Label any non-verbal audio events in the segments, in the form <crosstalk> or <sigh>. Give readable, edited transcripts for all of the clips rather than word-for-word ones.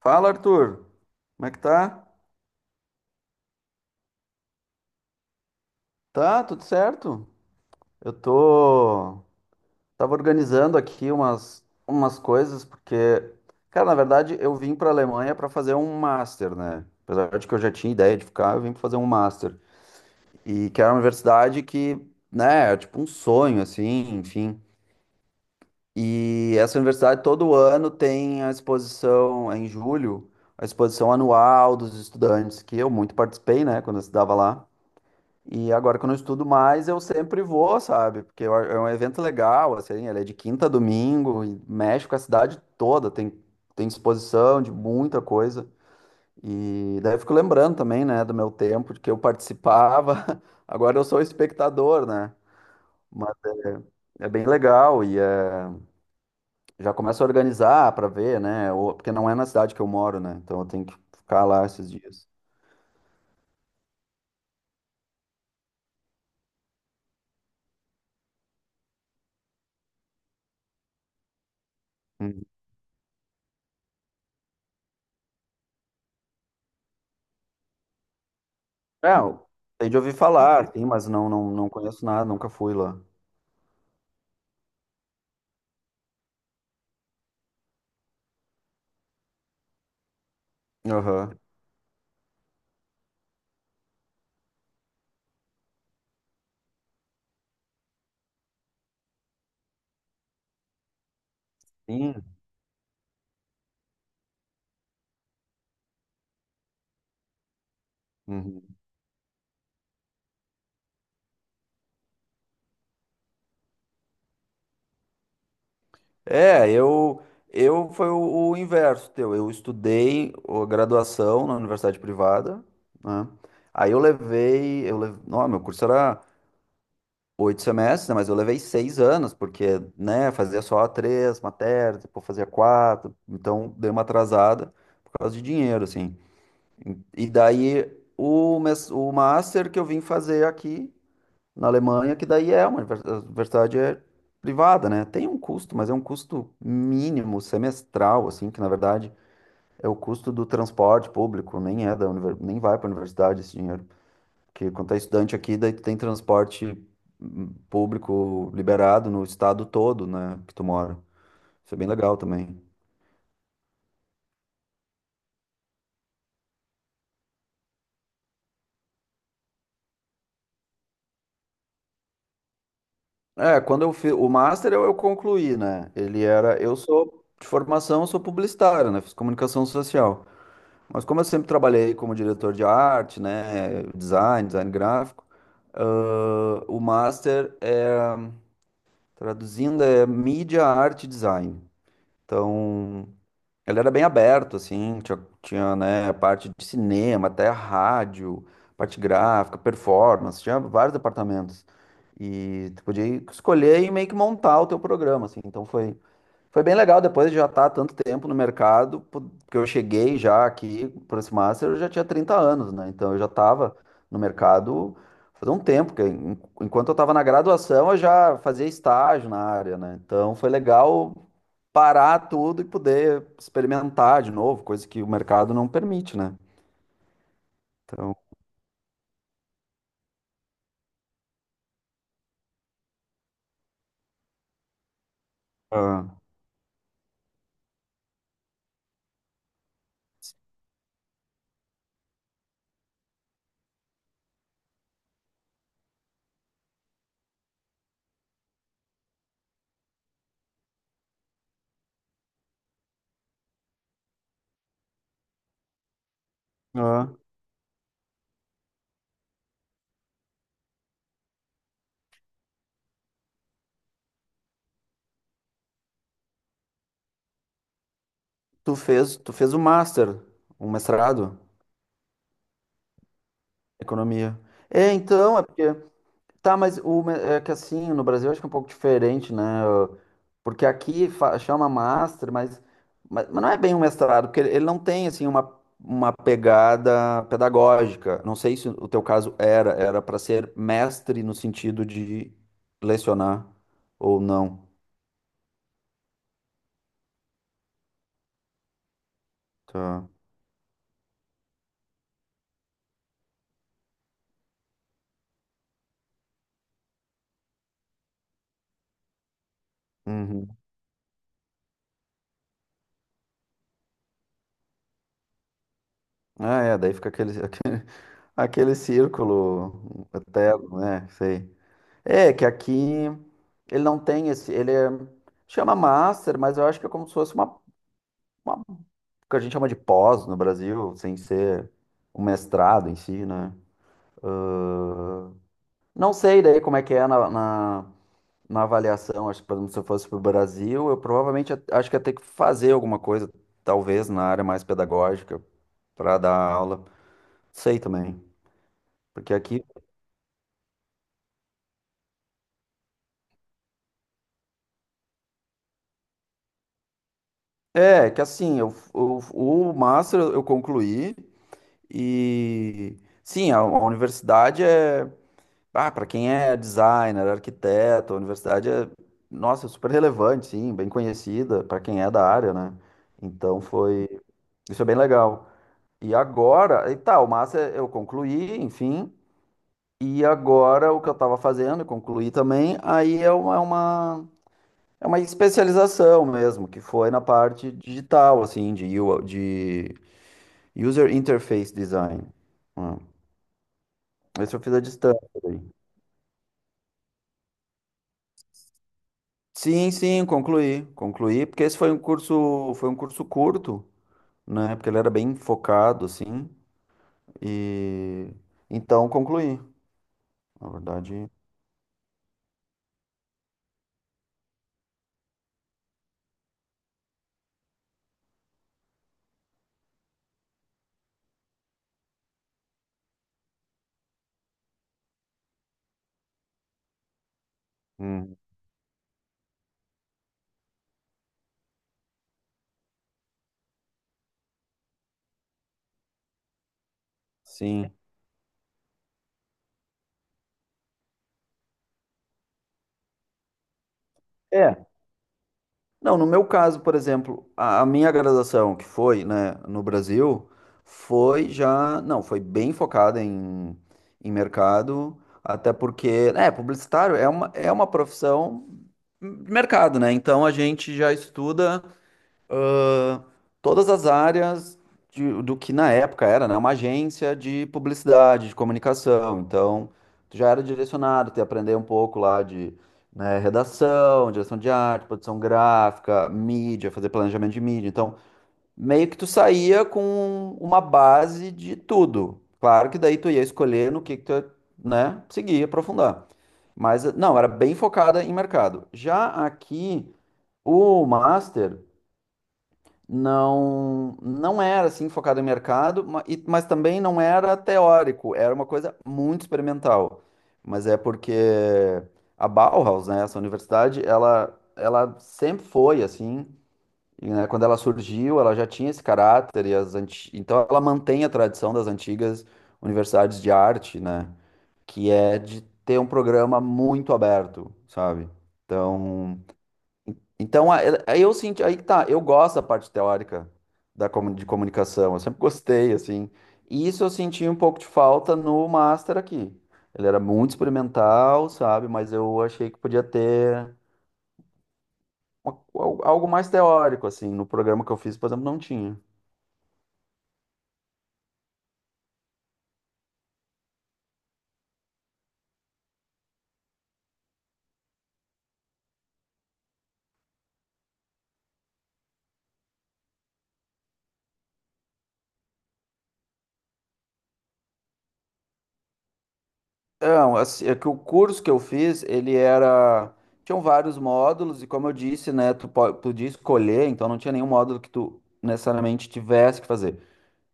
Fala, Arthur. Como é que tá? Tá, tudo certo. Eu tô. Tava organizando aqui umas coisas, porque, cara, na verdade, eu vim pra Alemanha pra fazer um master, né? Apesar de que eu já tinha ideia de ficar, eu vim pra fazer um master. E que era uma universidade que, né, é tipo um sonho, assim, enfim. E essa universidade todo ano tem a exposição, é em julho, a exposição anual dos estudantes, que eu muito participei, né, quando eu estudava lá. E agora que eu não estudo mais, eu sempre vou, sabe? É um evento legal, assim, ele é de quinta a domingo e mexe com a cidade toda, tem exposição de muita coisa. E daí eu fico lembrando também, né, do meu tempo, de que eu participava, <laughs> agora eu sou espectador, né? Mas é bem legal e é, já começo a organizar para ver, né? Porque não é na cidade que eu moro, né? Então eu tenho que ficar lá esses dias. Uhum. É, eu tenho de ouvir falar, assim, mas não conheço nada, nunca fui lá. Aham. Sim. Uhum. É, eu foi o inverso teu. Eu estudei graduação na universidade privada, né? Aí eu levei. Não, meu curso era 8 semestres, né? Mas eu levei 6 anos, porque, né, fazia só três matérias, depois fazia quatro, então dei uma atrasada por causa de dinheiro, assim. E daí o master que eu vim fazer aqui na Alemanha, que daí é uma a universidade é privada, né? Tem um custo, mas é um custo mínimo semestral, assim, que na verdade é o custo do transporte público, nem vai para a universidade esse dinheiro. Porque quando é estudante aqui, daí tu tem transporte público liberado no estado todo, né, que tu mora. Isso é bem legal também. É, quando eu fiz o master eu concluí, né? Eu sou de formação, eu sou publicitário, né? Fiz comunicação social. Mas como eu sempre trabalhei como diretor de arte, né, design gráfico, o master é, traduzindo, é mídia, arte e design. Então, ele era bem aberto, assim, tinha, né, a parte de cinema, até rádio, parte gráfica, performance, tinha vários departamentos. E tu podia escolher e meio que montar o teu programa, assim. Então, foi bem legal depois de já estar há tanto tempo no mercado, porque eu cheguei já aqui para esse Master, eu já tinha 30 anos, né? Então eu já estava no mercado faz um tempo, porque enquanto eu estava na graduação eu já fazia estágio na área, né? Então foi legal parar tudo e poder experimentar de novo, coisa que o mercado não permite, né? Então, ah, ah. Tu fez o Master, um mestrado em economia. É, então, é porque Tá, mas é que assim, no Brasil acho que é um pouco diferente, né? Porque aqui chama master, mas, mas não é bem um mestrado, porque ele não tem, assim, uma pegada pedagógica. Não sei se o teu caso era para ser mestre no sentido de lecionar ou não. Tá. Uhum. Ah, é, daí fica aquele, <laughs> aquele círculo eterno, né? Sei. É, que aqui ele não tem esse. Chama master, mas eu acho que é como se fosse uma, uma- que a gente chama de pós no Brasil, sem ser um mestrado em si, né? Não sei daí como é que é na avaliação. Acho que, por exemplo, se eu fosse para o Brasil, eu provavelmente acho que ia ter que fazer alguma coisa, talvez na área mais pedagógica, para dar aula. Sei também. Porque aqui. É, que assim, eu, o master eu concluí. E sim, a universidade é, para quem é designer, arquiteto, a universidade é, nossa, super relevante, sim, bem conhecida para quem é da área, né? Então foi, isso é bem legal. E agora, e tá, eu concluí, enfim, e agora o que eu estava fazendo, eu concluí também, aí é uma especialização mesmo, que foi na parte digital, assim, de, I de User Interface Design, né? Esse eu fiz à distância daí. Sim, sim, concluí. Concluí, porque esse foi um curso curto, né? Porque ele era bem focado, assim. E então concluí. Na verdade, hum, sim. É. Não, no meu caso, por exemplo, a minha graduação, que foi, né, no Brasil, foi já. Não, foi bem focada em mercado, até porque, né, publicitário é uma profissão de mercado, né? Então a gente já estuda, todas as áreas do que na época era, né, uma agência de publicidade, de comunicação. Então, tu já era direcionado, tu ia aprender um pouco lá de, né, redação, direção de arte, produção gráfica, mídia, fazer planejamento de mídia. Então, meio que tu saía com uma base de tudo. Claro que daí tu ia escolher no que tu ia, né, seguir, aprofundar. Mas, não, era bem focada em mercado. Já aqui, o master não era assim focado em mercado, mas também não era teórico, era uma coisa muito experimental. Mas é porque a Bauhaus, né, essa universidade, ela sempre foi assim, e, né, quando ela surgiu, ela já tinha esse caráter então ela mantém a tradição das antigas universidades de arte, né, que é de ter um programa muito aberto, sabe? Então, então, aí eu senti, aí que tá, eu gosto da parte teórica de comunicação, eu sempre gostei, assim, e isso eu senti um pouco de falta no Master aqui. Ele era muito experimental, sabe, mas eu achei que podia ter algo mais teórico, assim, no programa que eu fiz, por exemplo, não tinha. Não, assim, é que o curso que eu fiz, tinham vários módulos, e como eu disse, né, tu podia escolher, então não tinha nenhum módulo que tu necessariamente tivesse que fazer.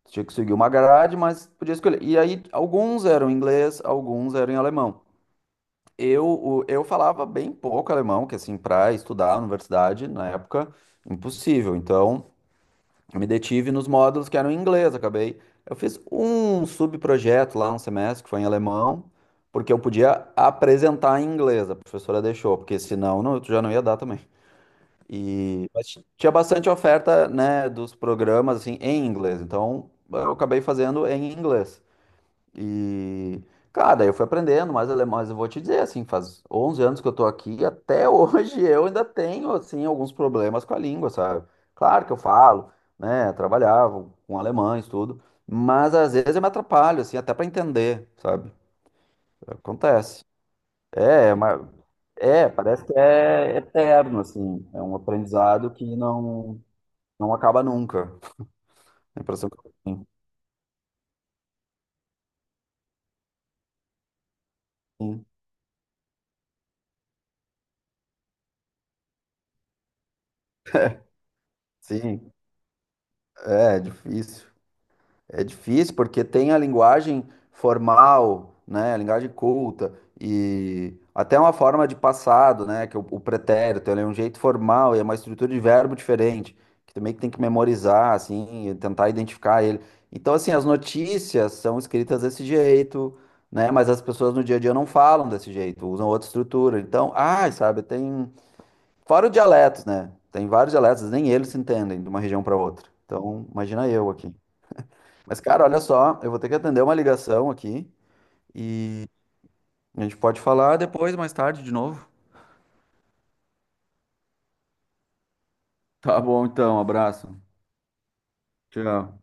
Tinha que seguir uma grade, mas podia escolher. E aí, alguns eram em inglês, alguns eram em alemão. Eu falava bem pouco alemão, que assim, para estudar na universidade, na época, impossível. Então, eu me detive nos módulos que eram em inglês, acabei. Eu fiz um subprojeto lá, um semestre, que foi em alemão, porque eu podia apresentar em inglês, a professora deixou, porque senão não, tu já não ia dar também. E mas tinha bastante oferta, né, dos programas assim em inglês. Então, eu acabei fazendo em inglês. E, cara, daí eu fui aprendendo mais alemão, mas eu vou te dizer, assim, faz 11 anos que eu tô aqui, até hoje <laughs> eu ainda tenho, assim, alguns problemas com a língua, sabe? Claro que eu falo, né, trabalhava com alemães, tudo, mas às vezes eu me atrapalho, assim, até pra entender, sabe? Acontece. É, mas, é, parece que é eterno, assim, é um aprendizado que não acaba nunca, <laughs> a impressão que eu tenho. Sim, sim, é difícil. É difícil porque tem a linguagem formal, né, a linguagem culta e até uma forma de passado, né, que é o pretérito, ele é um jeito formal e é uma estrutura de verbo diferente, que também tem que memorizar, assim, e tentar identificar ele. Então, assim, as notícias são escritas desse jeito, né, mas as pessoas no dia a dia não falam desse jeito, usam outra estrutura. Então, ai, sabe, tem fora os dialetos, né? Tem vários dialetos, nem eles se entendem de uma região para outra. Então, imagina eu aqui. Mas, cara, olha só, eu vou ter que atender uma ligação aqui e a gente pode falar depois, mais tarde, de novo. Tá bom, então, abraço. Tchau.